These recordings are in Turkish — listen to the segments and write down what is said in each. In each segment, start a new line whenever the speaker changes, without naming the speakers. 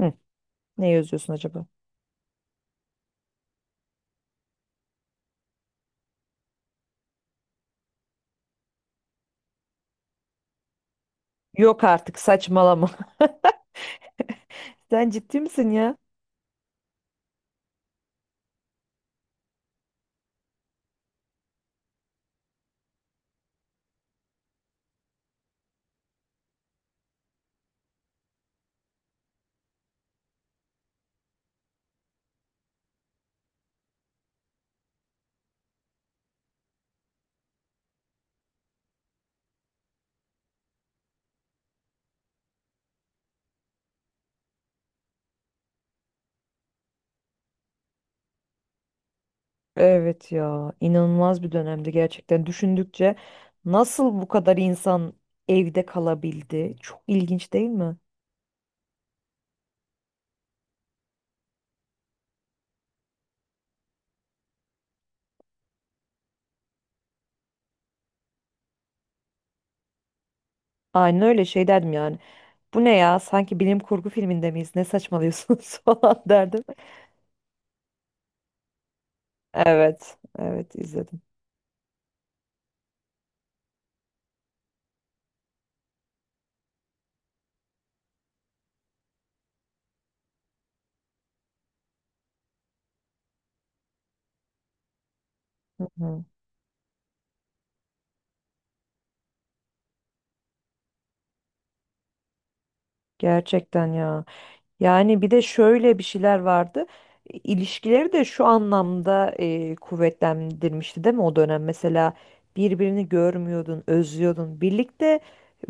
Hı, ne yazıyorsun acaba? Yok artık saçmalama. Sen ciddi misin ya? Evet ya, inanılmaz bir dönemdi gerçekten. Düşündükçe nasıl bu kadar insan evde kalabildi? Çok ilginç değil mi? Aynen öyle şey derdim yani. Bu ne ya? Sanki bilim kurgu filminde miyiz? Ne saçmalıyorsunuz falan derdim. Evet, evet izledim. Hı hı. Gerçekten ya. Yani bir de şöyle bir şeyler vardı. İlişkileri de şu anlamda kuvvetlendirmişti değil mi o dönem? Mesela birbirini görmüyordun, özlüyordun. Birlikte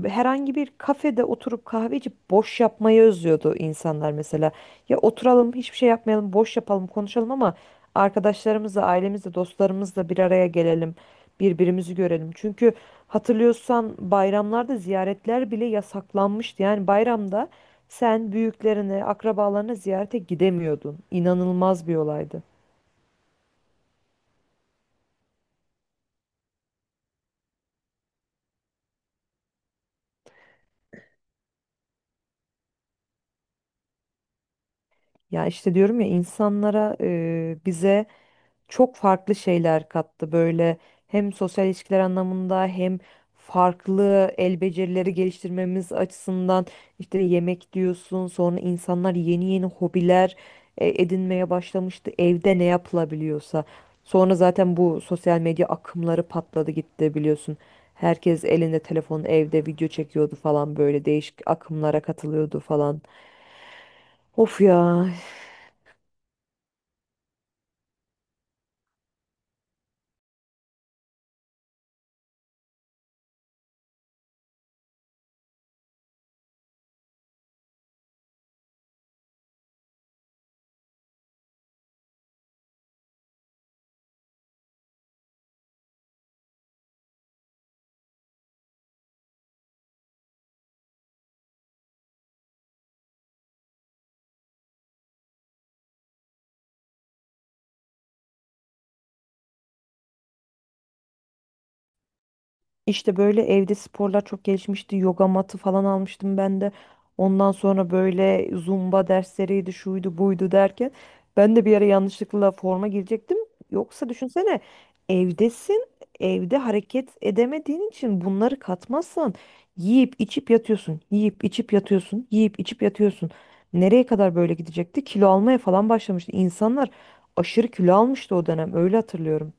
herhangi bir kafede oturup kahve içip boş yapmayı özlüyordu insanlar mesela. Ya oturalım, hiçbir şey yapmayalım, boş yapalım, konuşalım ama arkadaşlarımızla, ailemizle, dostlarımızla bir araya gelelim, birbirimizi görelim. Çünkü hatırlıyorsan bayramlarda ziyaretler bile yasaklanmıştı. Yani bayramda sen büyüklerini, akrabalarını ziyarete gidemiyordun. İnanılmaz bir olaydı. Ya işte diyorum ya insanlara bize çok farklı şeyler kattı böyle hem sosyal ilişkiler anlamında hem farklı el becerileri geliştirmemiz açısından işte yemek diyorsun sonra insanlar yeni yeni hobiler edinmeye başlamıştı evde ne yapılabiliyorsa sonra zaten bu sosyal medya akımları patladı gitti biliyorsun herkes elinde telefon evde video çekiyordu falan böyle değişik akımlara katılıyordu falan of ya. İşte böyle evde sporlar çok gelişmişti. Yoga matı falan almıştım ben de. Ondan sonra böyle zumba dersleriydi, şuydu, buydu derken ben de bir ara yanlışlıkla forma girecektim. Yoksa düşünsene evdesin, evde hareket edemediğin için bunları katmazsan yiyip içip yatıyorsun, yiyip içip yatıyorsun, yiyip içip yatıyorsun. Nereye kadar böyle gidecekti? Kilo almaya falan başlamıştı. İnsanlar aşırı kilo almıştı o dönem. Öyle hatırlıyorum.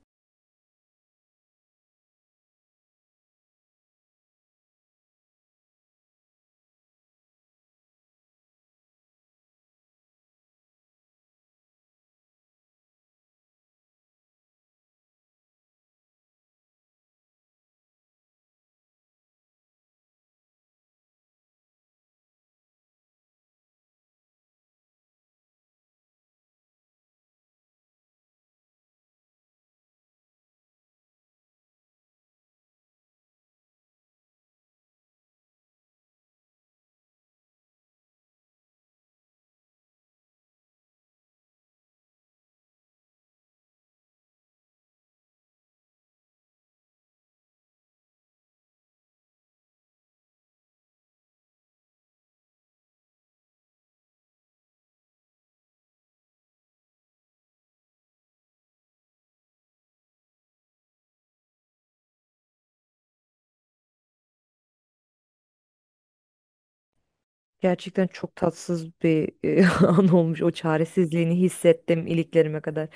Gerçekten çok tatsız bir an olmuş. O çaresizliğini hissettim iliklerime kadar.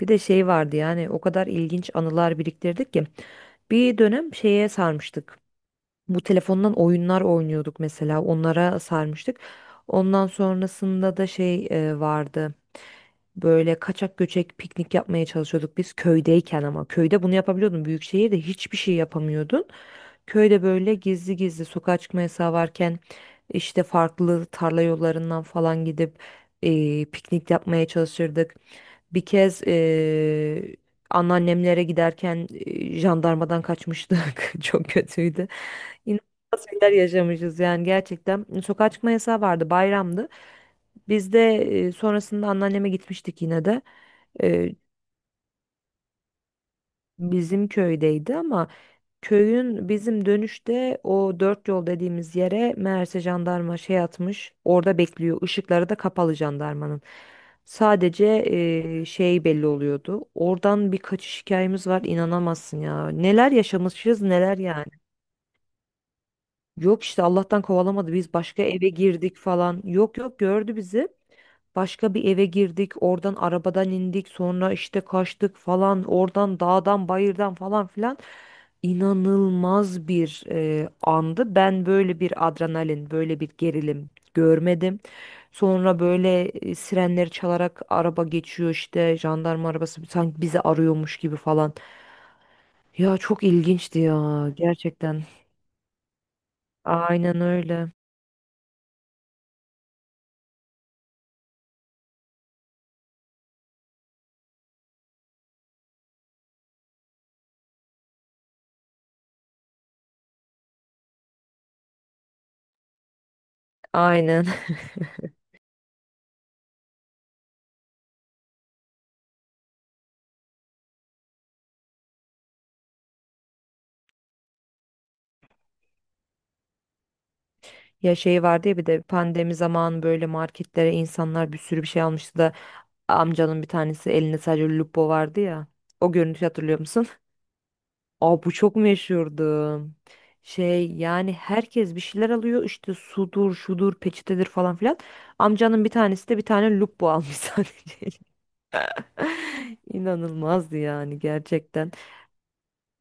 Bir de şey vardı yani o kadar ilginç anılar biriktirdik ki. Bir dönem şeye sarmıştık. Bu telefondan oyunlar oynuyorduk mesela. Onlara sarmıştık. Ondan sonrasında da şey vardı. Böyle kaçak göçek piknik yapmaya çalışıyorduk biz köydeyken ama. Köyde bunu yapabiliyordun. Büyük şehirde hiçbir şey yapamıyordun. Köyde böyle gizli gizli sokağa çıkma yasağı varken işte farklı tarla yollarından falan gidip piknik yapmaya çalışırdık. Bir kez anneannemlere giderken jandarmadan kaçmıştık. Çok kötüydü. İnanılmaz şeyler yaşamışız yani gerçekten. Sokağa çıkma yasağı vardı, bayramdı. Biz de sonrasında anneanneme gitmiştik yine de. E, bizim köydeydi ama köyün bizim dönüşte o dört yol dediğimiz yere meğerse jandarma şey atmış. Orada bekliyor. Işıkları da kapalı jandarmanın. Sadece şey belli oluyordu. Oradan bir kaçış hikayemiz var. İnanamazsın ya. Neler yaşamışız neler yani. Yok işte Allah'tan kovalamadı. Biz başka eve girdik falan. Yok yok gördü bizi. Başka bir eve girdik, oradan arabadan indik, sonra işte kaçtık falan, oradan dağdan bayırdan falan filan. İnanılmaz bir andı. Ben böyle bir adrenalin, böyle bir gerilim görmedim. Sonra böyle sirenleri çalarak araba geçiyor işte, jandarma arabası sanki bizi arıyormuş gibi falan. Ya çok ilginçti ya gerçekten. Aynen öyle. Aynen. Ya şey vardı ya bir de pandemi zamanı böyle marketlere insanlar bir sürü bir şey almıştı da amcanın bir tanesi elinde sadece lupo vardı ya. O görüntüyü hatırlıyor musun? Aa, bu çok meşhurdu. Şey yani herkes bir şeyler alıyor işte sudur şudur peçetedir falan filan. Amcanın bir tanesi de bir tane lupo almış sadece. İnanılmazdı yani gerçekten.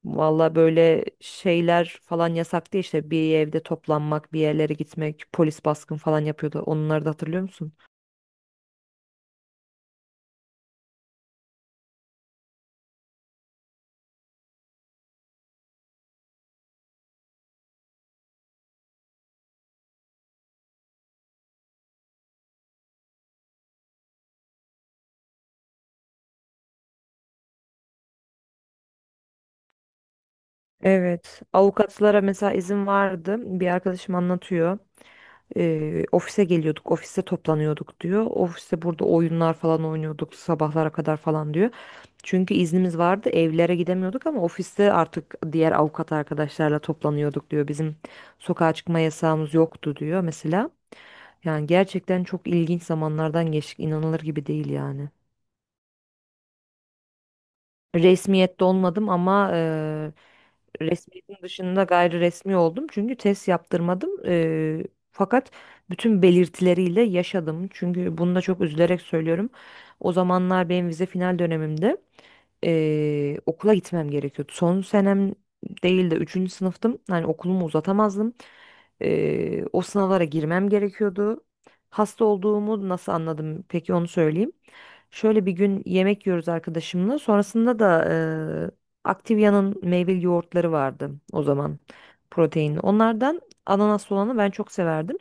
Valla böyle şeyler falan yasaktı işte bir evde toplanmak bir yerlere gitmek polis baskın falan yapıyordu. Onları da hatırlıyor musun? Evet. Avukatlara mesela izin vardı. Bir arkadaşım anlatıyor. Ofise geliyorduk, ofiste toplanıyorduk diyor. Ofiste burada oyunlar falan oynuyorduk sabahlara kadar falan diyor. Çünkü iznimiz vardı, evlere gidemiyorduk ama ofiste artık diğer avukat arkadaşlarla toplanıyorduk diyor. Bizim sokağa çıkma yasağımız yoktu diyor mesela. Yani gerçekten çok ilginç zamanlardan geçtik, inanılır gibi değil yani. Resmiyette olmadım ama resmiyetin dışında gayri resmi oldum. Çünkü test yaptırmadım. Fakat bütün belirtileriyle yaşadım. Çünkü bunu da çok üzülerek söylüyorum. O zamanlar benim vize final dönemimde okula gitmem gerekiyordu. Son senem değil de üçüncü sınıftım. Yani okulumu uzatamazdım. O sınavlara girmem gerekiyordu. Hasta olduğumu nasıl anladım? Peki onu söyleyeyim. Şöyle bir gün yemek yiyoruz arkadaşımla. Sonrasında da Activia'nın meyveli yoğurtları vardı o zaman. Proteinli. Onlardan ananaslı olanı ben çok severdim.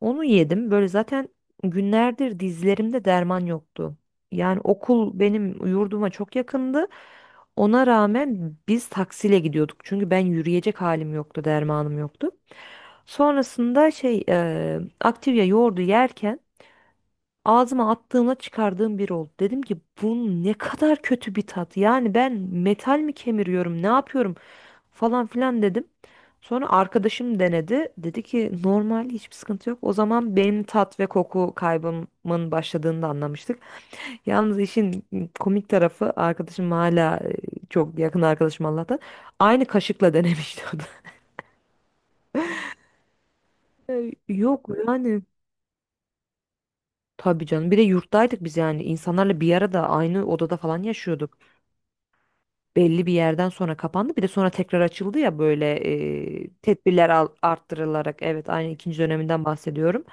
Onu yedim. Böyle zaten günlerdir dizlerimde derman yoktu. Yani okul benim yurduma çok yakındı. Ona rağmen biz taksiyle gidiyorduk. Çünkü ben yürüyecek halim yoktu, dermanım yoktu. Sonrasında şey Activia yoğurdu yerken ağzıma attığımda çıkardığım bir oldu. Dedim ki bu ne kadar kötü bir tat. Yani ben metal mi kemiriyorum, ne yapıyorum falan filan dedim. Sonra arkadaşım denedi. Dedi ki normal hiçbir sıkıntı yok. O zaman benim tat ve koku kaybımın başladığını da anlamıştık. Yalnız işin komik tarafı arkadaşım hala çok yakın arkadaşım Allah'tan. Aynı kaşıkla denemişti o da. E, yok yani tabii canım. Bir de yurttaydık biz yani. İnsanlarla bir arada aynı odada falan yaşıyorduk. Belli bir yerden sonra kapandı. Bir de sonra tekrar açıldı ya böyle tedbirler arttırılarak. Evet aynı ikinci döneminden bahsediyorum.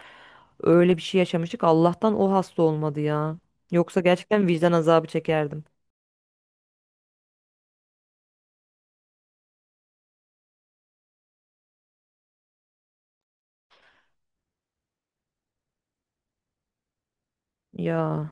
Öyle bir şey yaşamıştık. Allah'tan o hasta olmadı ya. Yoksa gerçekten vicdan azabı çekerdim. Ya.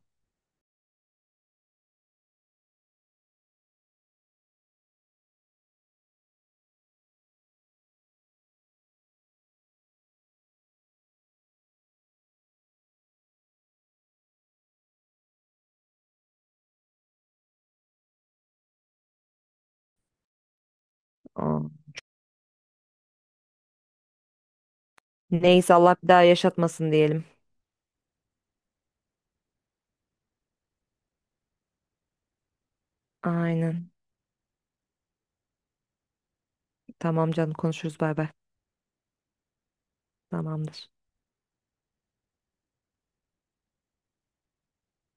Aa. Neyse Allah bir daha yaşatmasın diyelim. Aynen. Tamam canım konuşuruz bay bay. Tamamdır.